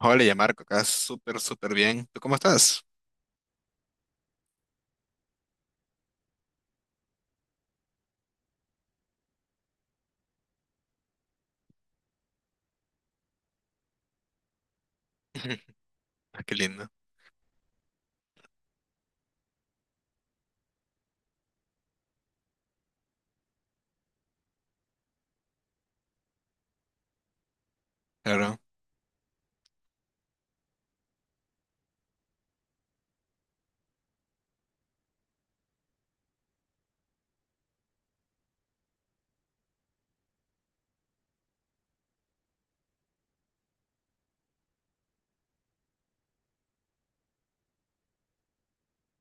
Hola, ya Marco, acá súper, súper bien. ¿Tú cómo estás? Ah, qué lindo, claro.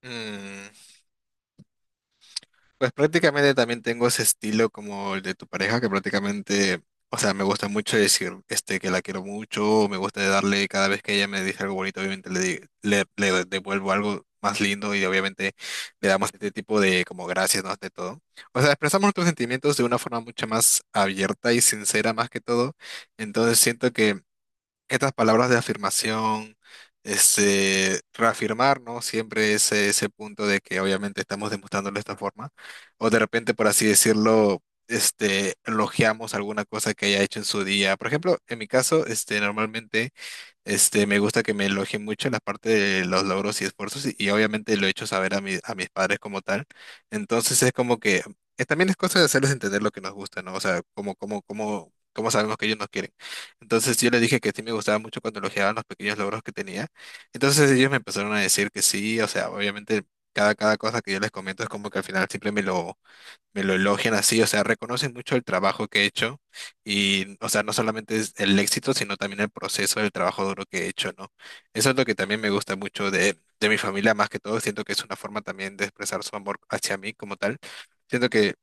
Mm, pues prácticamente también tengo ese estilo como el de tu pareja, que prácticamente, o sea, me gusta mucho decir que la quiero mucho, me gusta darle cada vez que ella me dice algo bonito, obviamente le devuelvo algo más lindo y obviamente le damos este tipo de como gracias, ¿no? De todo. O sea, expresamos nuestros sentimientos de una forma mucho más abierta y sincera más que todo. Entonces siento que estas palabras de afirmación, reafirmar, ¿no? Siempre ese punto de que obviamente estamos demostrándolo de esta forma, o de repente, por así decirlo, elogiamos alguna cosa que haya hecho en su día. Por ejemplo, en mi caso, normalmente me gusta que me elogien mucho la parte de los logros y esfuerzos y obviamente lo he hecho saber a mis padres como tal. Entonces es como que también es cosa de hacerles entender lo que nos gusta, ¿no? O sea, como cómo sabemos que ellos nos quieren. Entonces yo les dije que sí me gustaba mucho cuando elogiaban los pequeños logros que tenía. Entonces ellos me empezaron a decir que sí, o sea, obviamente cada cosa que yo les comento es como que al final siempre me lo elogian así, o sea, reconocen mucho el trabajo que he hecho y, o sea, no solamente es el éxito, sino también el proceso del trabajo duro que he hecho, ¿no? Eso es lo que también me gusta mucho de mi familia, más que todo, siento que es una forma también de expresar su amor hacia mí como tal. Siento que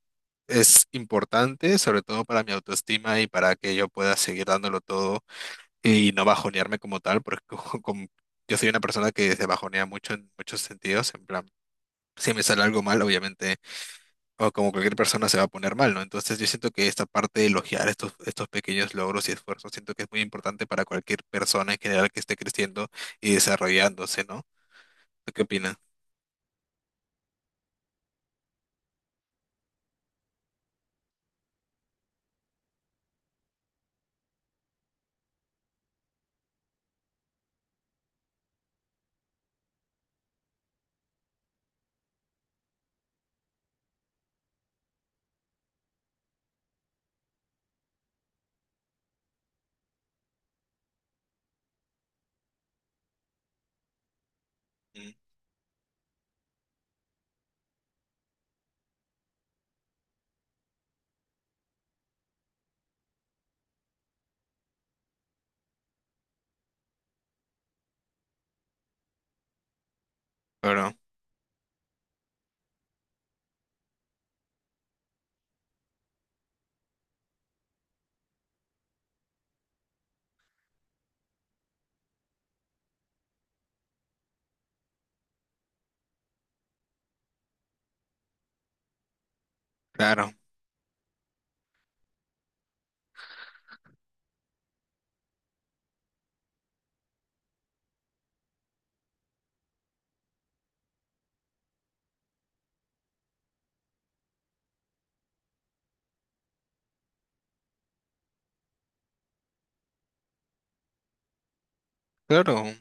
es importante, sobre todo para mi autoestima y para que yo pueda seguir dándolo todo y no bajonearme como tal, porque como- yo soy una persona que se bajonea mucho en muchos sentidos, en plan, si me sale algo mal, obviamente o como cualquier persona se va a poner mal, ¿no? Entonces yo siento que esta parte de elogiar estos pequeños logros y esfuerzos, siento que es muy importante para cualquier persona en general que esté creciendo y desarrollándose, ¿no? ¿Tú qué opinas? Mm, Claro, claro, claro.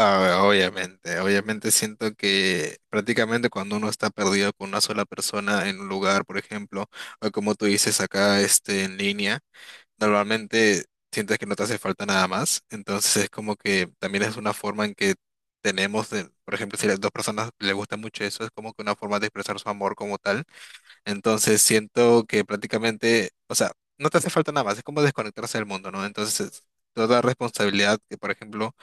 A ver, obviamente siento que prácticamente cuando uno está perdido con una sola persona en un lugar, por ejemplo, o como tú dices acá, en línea, normalmente sientes que no te hace falta nada más, entonces es como que también es una forma en que tenemos, por ejemplo, si las dos personas les gusta mucho eso, es como que una forma de expresar su amor como tal. Entonces siento que prácticamente, o sea, no te hace falta nada más, es como desconectarse del mundo, ¿no? Entonces, toda responsabilidad que, por ejemplo,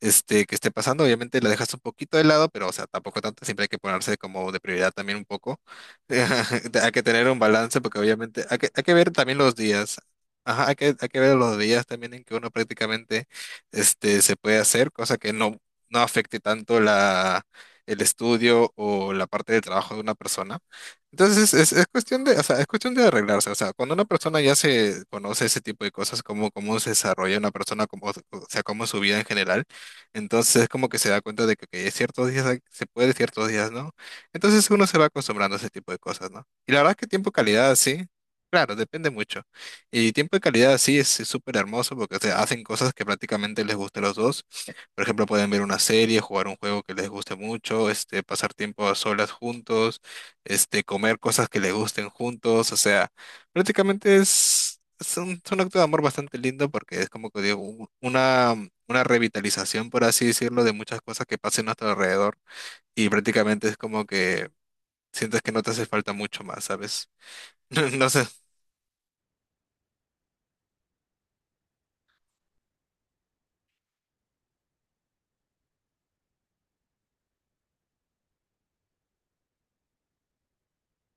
que esté pasando, obviamente la dejas un poquito de lado, pero, o sea, tampoco tanto, siempre hay que ponerse como de prioridad también un poco. Hay que tener un balance porque obviamente hay que ver también los días. Ajá, hay que ver los días también en que uno prácticamente se puede hacer, cosa que no afecte tanto el estudio o la parte de trabajo de una persona. Entonces es cuestión de, o sea, es cuestión de arreglarse. O sea, cuando una persona ya se conoce ese tipo de cosas, cómo se desarrolla una persona, cómo, o sea, cómo es su vida en general, entonces es como que se da cuenta de que ciertos días se puede, ciertos días no. Entonces uno se va acostumbrando a ese tipo de cosas, ¿no? Y la verdad es que tiempo de calidad sí, claro, depende mucho. Y tiempo de calidad sí es súper hermoso porque se hacen cosas que prácticamente les gusta a los dos. Por ejemplo, pueden ver una serie, jugar un juego que les guste mucho, pasar tiempo a solas juntos comer cosas que les gusten juntos, o sea, prácticamente es un acto de amor bastante lindo porque es como que digo, una revitalización, por así decirlo, de muchas cosas que pasan a nuestro alrededor y prácticamente es como que sientes que no te hace falta mucho más, ¿sabes? No sé.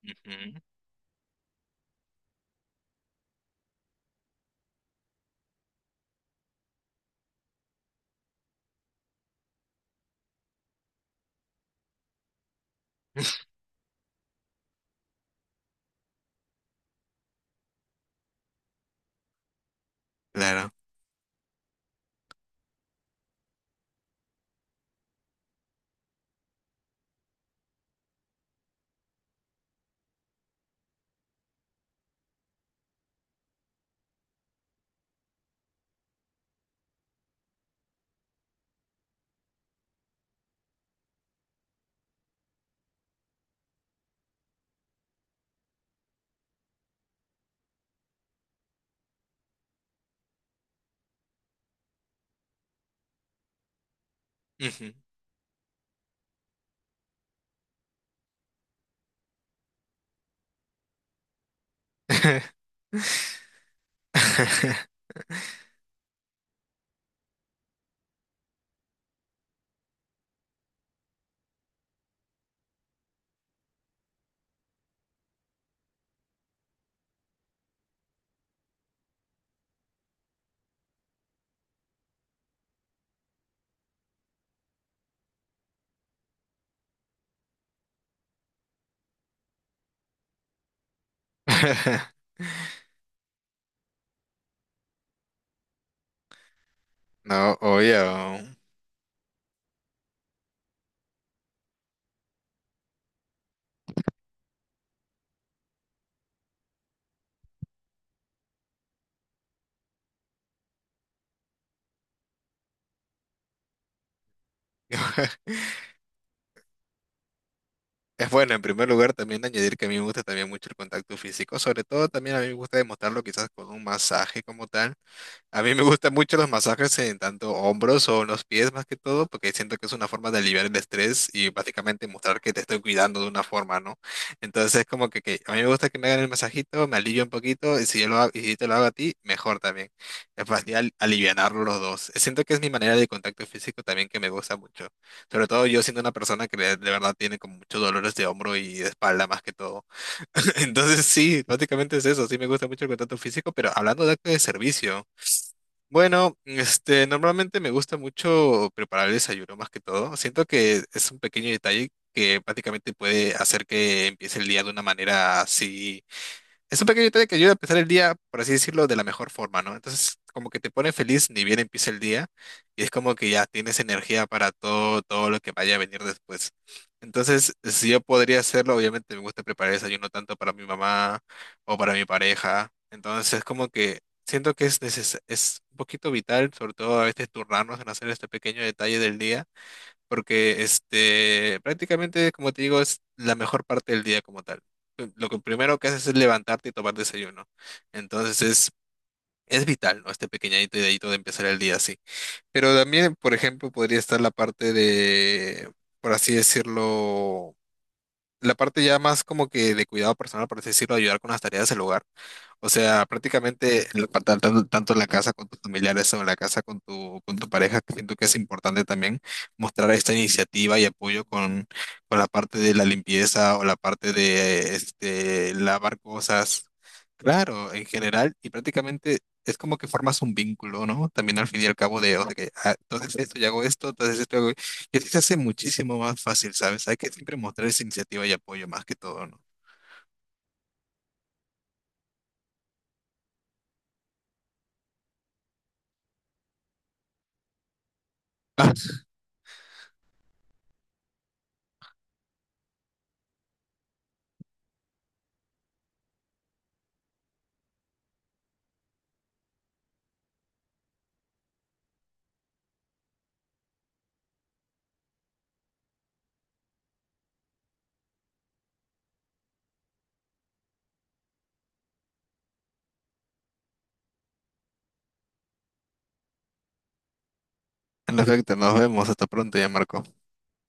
Ujú, claro. Ujú. No, obvio. Es bueno, en primer lugar, también añadir que a mí me gusta también mucho el contacto físico, sobre todo también a mí me gusta demostrarlo quizás con un masaje como tal. A mí me gustan mucho los masajes en tanto hombros o en los pies más que todo, porque siento que es una forma de aliviar el estrés y básicamente mostrar que te estoy cuidando de una forma, ¿no? Entonces es como que a mí me gusta que me hagan el masajito, me alivia un poquito, y si yo lo hago, y si te lo hago a ti, mejor también. Es fácil alivianarlo los dos. Siento que es mi manera de contacto físico también que me gusta mucho. Sobre todo yo siendo una persona que de verdad tiene como muchos dolores de hombro y de espalda más que todo. Entonces sí, básicamente es eso, sí me gusta mucho el contacto físico, pero hablando de acto de servicio. Bueno, normalmente me gusta mucho preparar el desayuno más que todo. Siento que es un pequeño detalle que prácticamente puede hacer que empiece el día de una manera así. Es un pequeño detalle que ayuda a empezar el día, por así decirlo, de la mejor forma, ¿no? Entonces, como que te pone feliz ni bien empieza el día y es como que ya tienes energía para todo, todo lo que vaya a venir después. Entonces, si yo podría hacerlo, obviamente me gusta preparar el desayuno tanto para mi mamá o para mi pareja. Entonces, como que siento que es es un poquito vital, sobre todo a veces turnarnos en hacer este pequeño detalle del día porque prácticamente, como te digo, es la mejor parte del día como tal. Lo que primero que haces es levantarte y tomar desayuno. Entonces es vital, ¿no? Este pequeñito dedito de empezar el día así. Pero también, por ejemplo, podría estar la parte de, por así decirlo, la parte ya más como que de cuidado personal, por así decirlo, ayudar con las tareas del hogar. O sea, prácticamente tanto en la casa con tus familiares o en la casa con tu pareja, que siento que es importante también mostrar esta iniciativa y apoyo con la parte de la limpieza o la parte de lavar cosas. Claro, en general, y prácticamente es como que formas un vínculo, ¿no? También al fin y al cabo de, o sea, que ah, entonces esto y hago esto, entonces esto que sí se hace muchísimo más fácil, ¿sabes? Hay que siempre mostrar esa iniciativa y apoyo más que todo, ¿no? Ah, en efecto, nos vemos. Hasta pronto ya, Marco.